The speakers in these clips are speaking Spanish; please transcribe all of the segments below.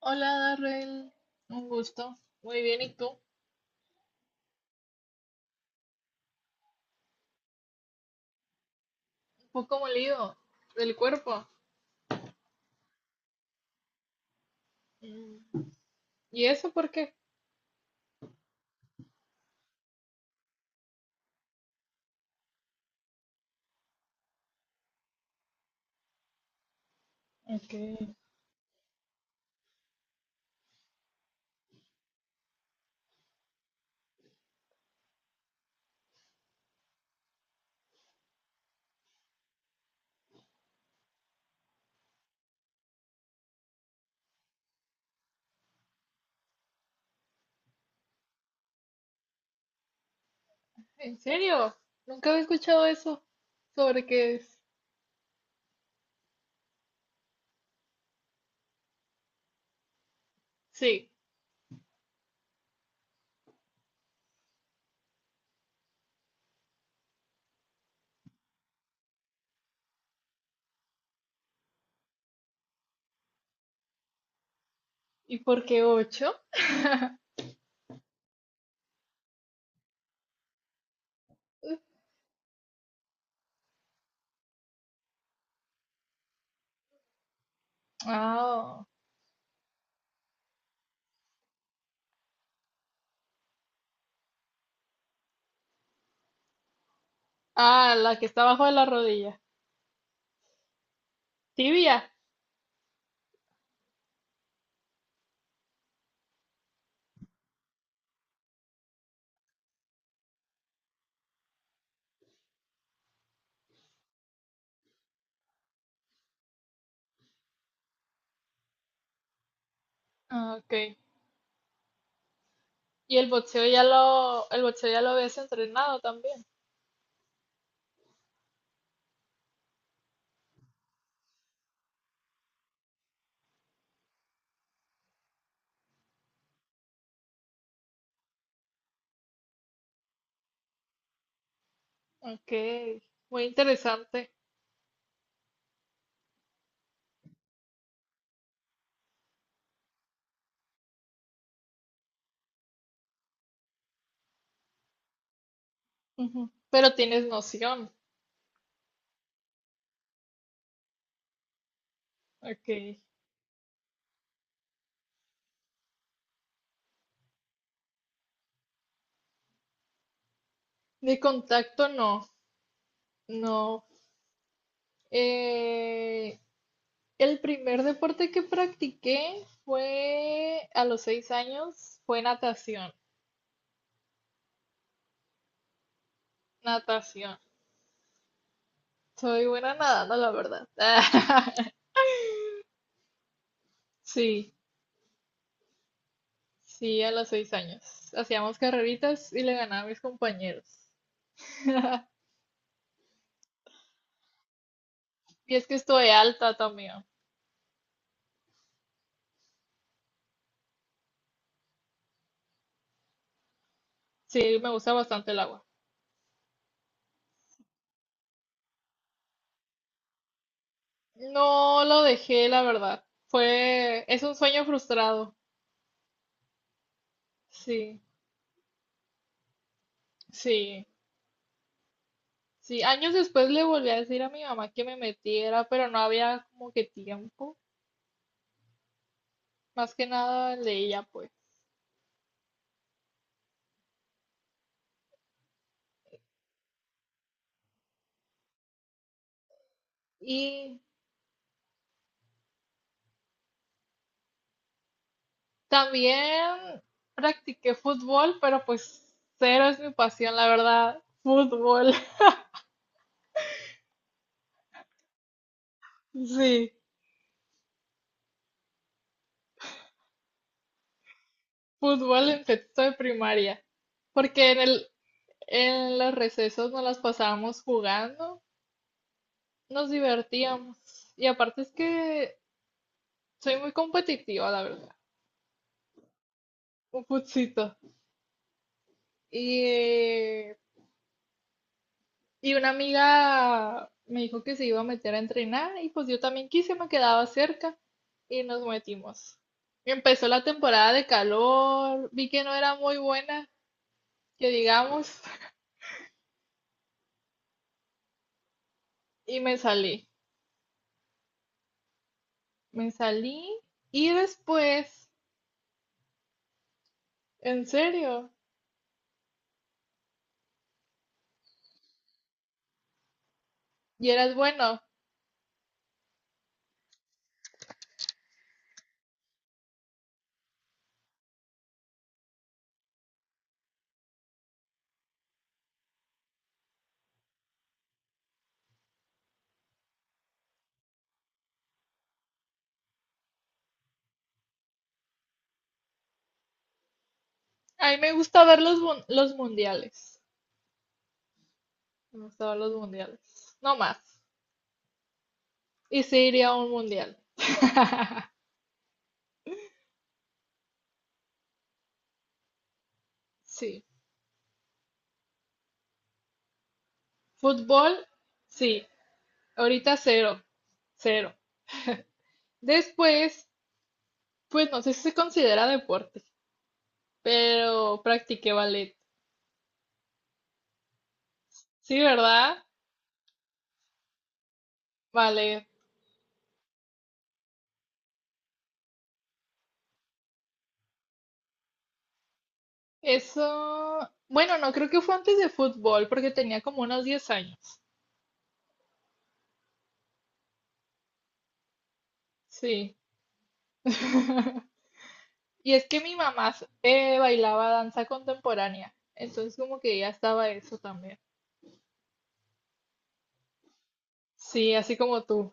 Hola, Darrell. Un gusto. Muy bien, ¿y tú? Un poco molido del cuerpo. Mm, ¿Y eso por qué? Ok. ¿En serio? Nunca había escuchado eso. ¿Sobre qué es? Sí. ¿Y por qué ocho? Ah, ah, la que está abajo de la rodilla. Tibia. Ah, ok. Y el boxeo ya lo, el boxeo ya lo habías entrenado también. Ok. Muy interesante. Ujú. Pero tienes noción. Ok. De contacto no. No, eh, el primer deporte que practiqué fue a los 6 años, fue natación, natación. Soy buena nadando, la verdad. Sí, sí, a los 6 años. Hacíamos carreritas y le ganaba a mis compañeros. Y es que estoy alta también. Sí, me gusta bastante el agua. No lo dejé, la verdad. Fue, es un sueño frustrado. Sí, sí. Sí, años después le volví a decir a mi mamá que me metiera, pero no había como que tiempo. Más que nada el de ella pues. Y también practiqué fútbol, pero pues cero es mi pasión, la verdad. Fútbol, sí, fútbol en sexto de primaria. Porque en los recesos nos las pasábamos jugando, nos divertíamos. Y aparte es que soy muy competitiva, la verdad. Un putzito. Y Y una amiga me dijo que se iba a meter a entrenar y pues yo también quise, me quedaba cerca y nos metimos. Y empezó la temporada de calor, vi que no era muy buena, que digamos, y me salí. Me salí y después, en serio, y eras bueno. A mí me gusta ver los mundiales. Me gusta ver los mundiales. No más. Y sí iría a un mundial. Sí. Fútbol, sí. Ahorita cero, cero. Después, pues no sé si se considera deporte, pero practiqué ballet. Sí, ¿verdad? Ballet. Eso, bueno, no creo que fue antes de fútbol, porque tenía como unos 10 años. Sí. Y es que mi mamá bailaba danza contemporánea, entonces como que ya estaba eso también. Sí, así como tú.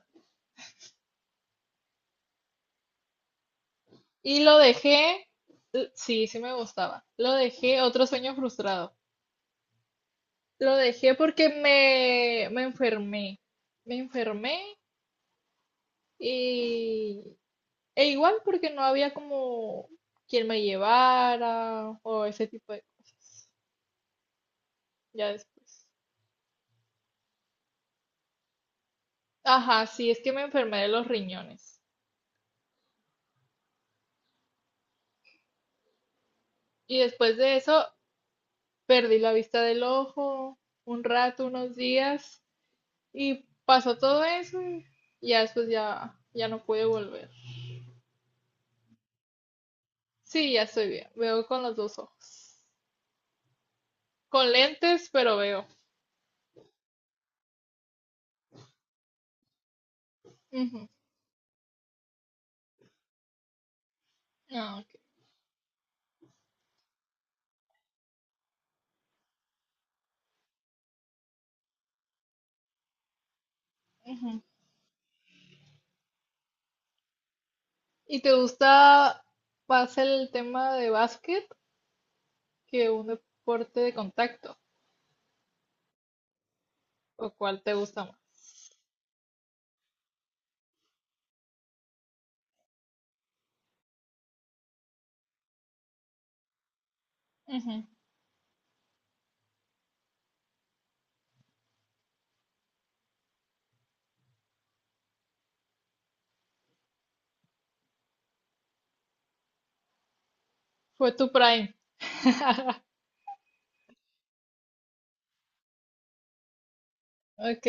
Y lo dejé, sí, sí me gustaba. Lo dejé, otro sueño frustrado. Lo dejé porque me enfermé. Me enfermé y e igual porque no había como quien me llevara o ese tipo de cosas. Ya después. Ajá, sí, es que me enfermé de los riñones. Y después de eso perdí la vista del ojo un rato, unos días y pasó todo eso y ya después ya no pude volver. Sí, ya estoy bien. Veo con los dos ojos. Con lentes, pero veo. Ujú. Ah, ok. Ujú. ¿Y te gusta más el tema de básquet que un deporte de contacto? ¿O cuál te gusta más? Ujú. Fue tu prime. Ok,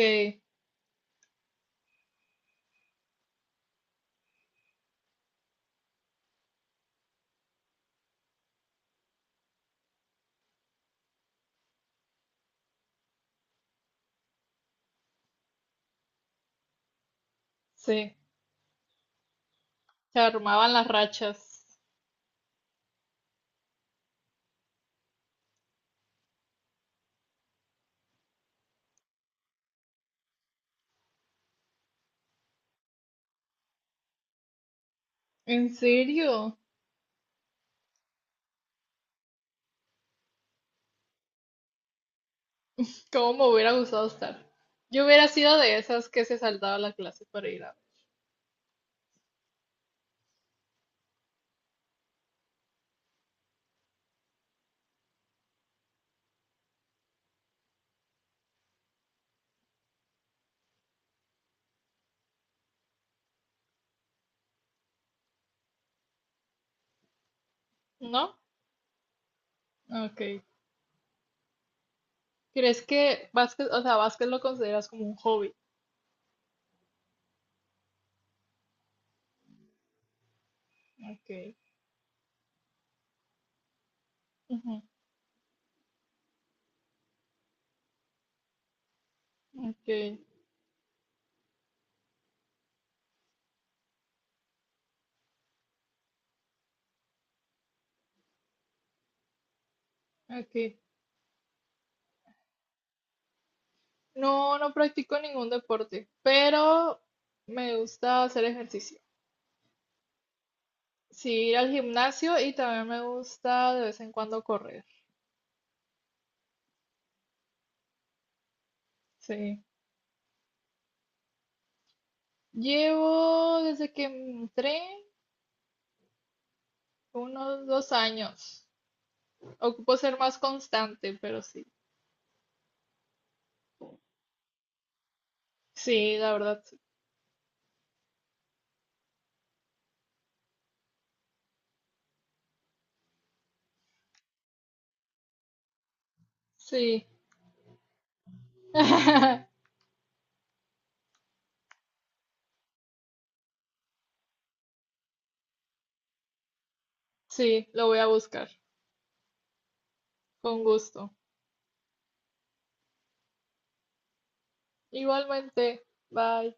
sí. Se armaban las rachas. ¿En serio? ¿Cómo me hubiera gustado estar? Yo hubiera sido de esas que se saltaba la clase para ir a... ¿No? Ok. ¿Crees que básquet, o sea, básquet lo consideras como un hobby? Ok. Ujú. Ok. Ok. No, no practico ningún deporte, pero me gusta hacer ejercicio. Sí, ir al gimnasio y también me gusta de vez en cuando correr. Sí. Llevo desde que entré unos 2 años. Ocupo ser más constante, pero sí. Sí, la verdad, sí. Sí. Sí, lo voy a buscar. Con gusto. Igualmente. Bye.